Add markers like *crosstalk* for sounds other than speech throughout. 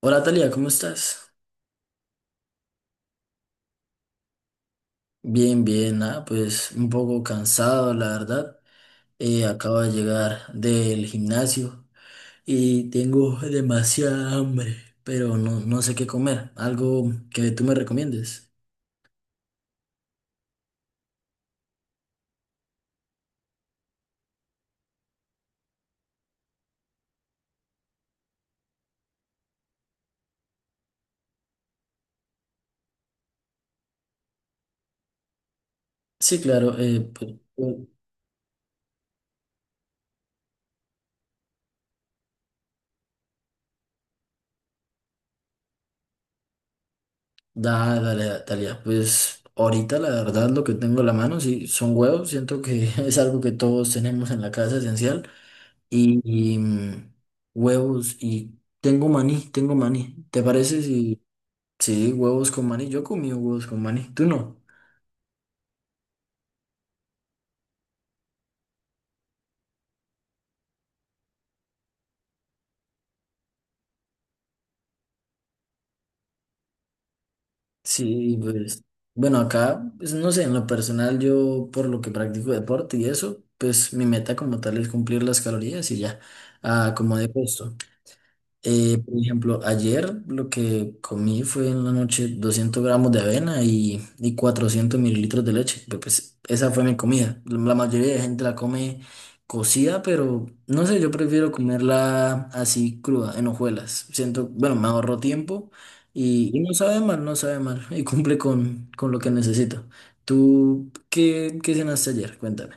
Hola Talia, ¿cómo estás? Bien, bien, ah, pues un poco cansado, la verdad. Acabo de llegar del gimnasio y tengo demasiada hambre, pero no, no sé qué comer. Algo que tú me recomiendes. Sí, claro, pues, eh, dale, Talia. Pues ahorita la verdad lo que tengo en la mano sí, son huevos. Siento que *laughs* es algo que todos tenemos en la casa esencial. Y, huevos y tengo maní, tengo maní. ¿Te parece si? Sí, huevos con maní. Yo he comido huevos con maní. ¿Tú no? Sí, pues. Bueno, acá, pues, no sé, en lo personal, yo por lo que practico deporte y eso, pues mi meta como tal es cumplir las calorías y ya. Ah, como de puesto. Por ejemplo, ayer lo que comí fue en la noche 200 gramos de avena y 400 mililitros de leche. Pues esa fue mi comida. La mayoría de gente la come cocida, pero no sé, yo prefiero comerla así cruda, en hojuelas. Siento, bueno, me ahorro tiempo y no sabe mal, no sabe mal y cumple con lo que necesito. ¿Tú qué cenaste ayer? Cuéntame.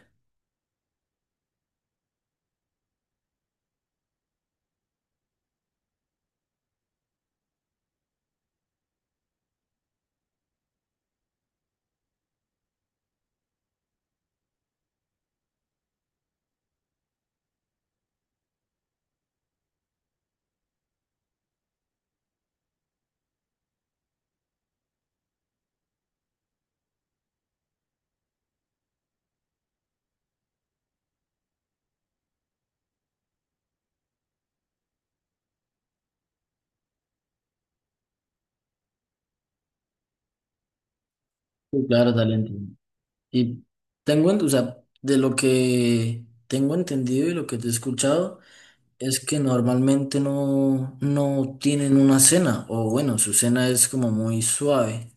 Sí, claro, talento. Y tengo, o sea, de lo que tengo entendido y lo que te he escuchado, es que normalmente no, no tienen una cena, o bueno, su cena es como muy suave.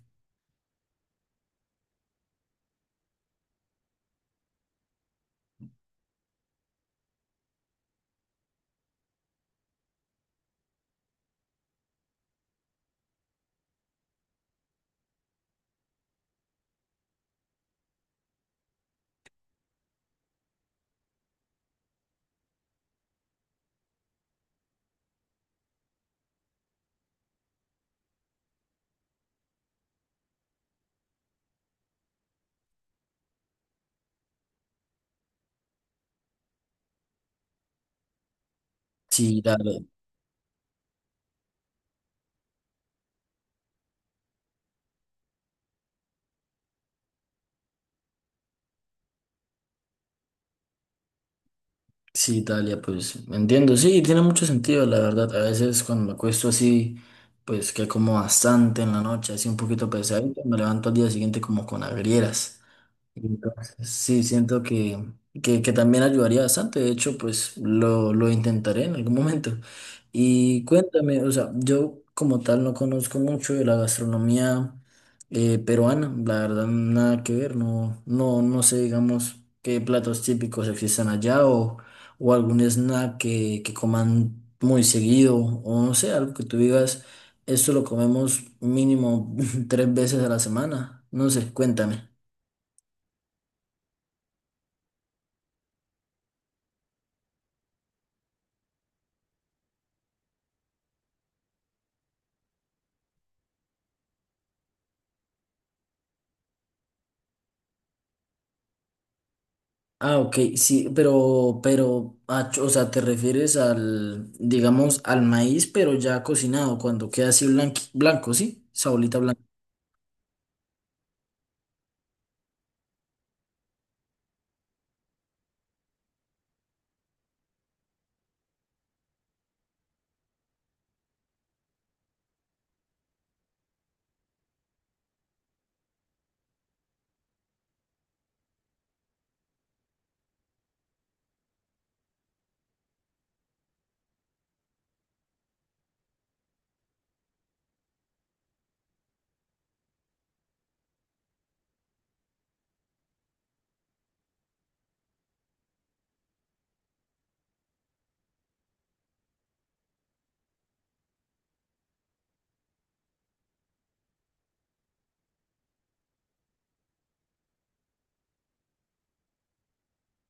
Sí, Italia, sí, Italia, pues entiendo, sí, tiene mucho sentido, la verdad. A veces cuando me acuesto así, pues que como bastante en la noche, así un poquito pesadito, me levanto al día siguiente como con agrieras. Entonces, sí, siento que también ayudaría bastante. De hecho, pues lo intentaré en algún momento. Y cuéntame, o sea, yo como tal no conozco mucho de la gastronomía peruana. La verdad, nada que ver. No, no, no sé, digamos, qué platos típicos existen allá o algún snack que coman muy seguido o no sé, algo que tú digas, esto lo comemos mínimo *laughs* tres veces a la semana. No sé, cuéntame. Ah, ok, sí, pero, o sea, te refieres al, digamos, al maíz, pero ya cocinado, cuando queda así blanco, ¿sí? Esa bolita blanca.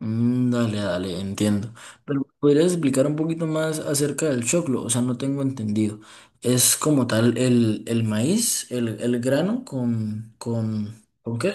Mm, dale, dale, entiendo. Pero, ¿podrías explicar un poquito más acerca del choclo? O sea, no tengo entendido. ¿Es como tal el maíz, el grano con qué?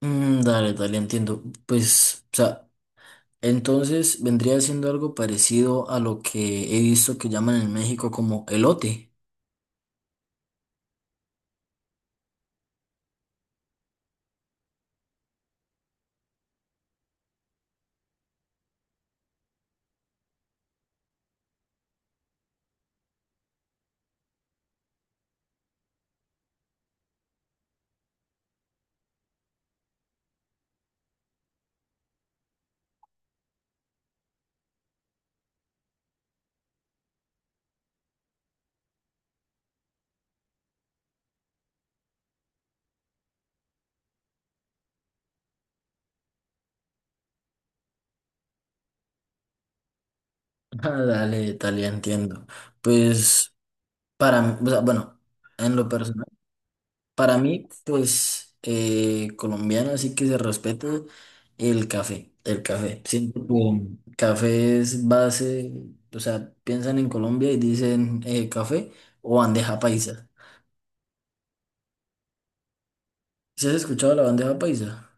Mm, dale, dale, entiendo. Pues, o sea, entonces vendría siendo algo parecido a lo que he visto que llaman en México como elote. *laughs* Ah, dale, tal, ya entiendo. Pues para, o sea, bueno, en lo personal, para mí, pues colombiano, así que se respeta el café, el café. Siento que café es base, o sea, piensan en Colombia y dicen café o bandeja paisa. ¿Sí has escuchado la bandeja paisa?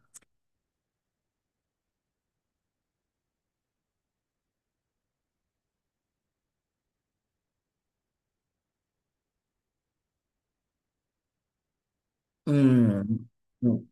Mm, no.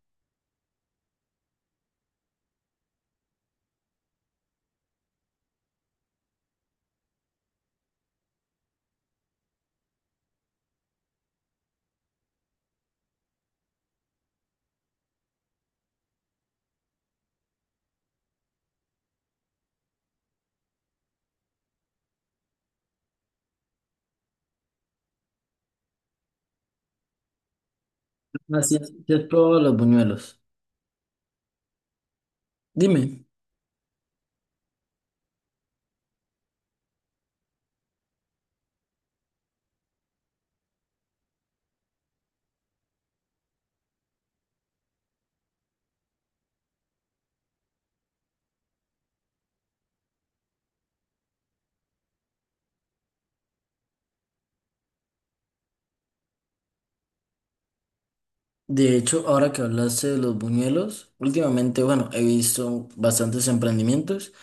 Así es, ¿sí has probado los buñuelos? Dime, de hecho, ahora que hablaste de los buñuelos, últimamente, bueno, he visto bastantes emprendimientos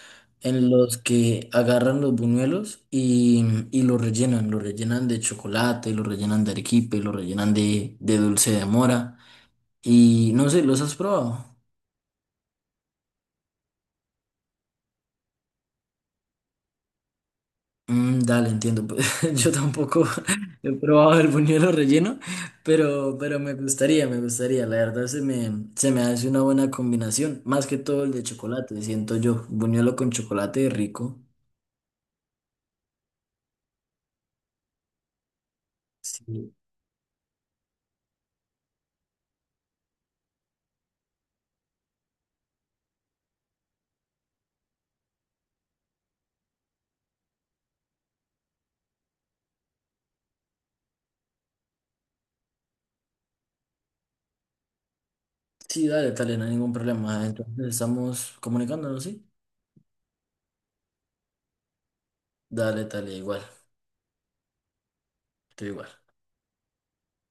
en los que agarran los buñuelos y los rellenan de chocolate, los rellenan de arequipe, los rellenan de dulce de mora y no sé, ¿los has probado? Mm, dale, entiendo. *laughs* Yo tampoco *laughs* he probado el buñuelo relleno, pero me gustaría, me gustaría. La verdad se me hace una buena combinación, más que todo el de chocolate, siento yo. Buñuelo con chocolate rico. Sí, sí, dale, dale, no hay ningún problema. Entonces estamos comunicándonos, ¿sí? Dale, dale, igual, estoy igual.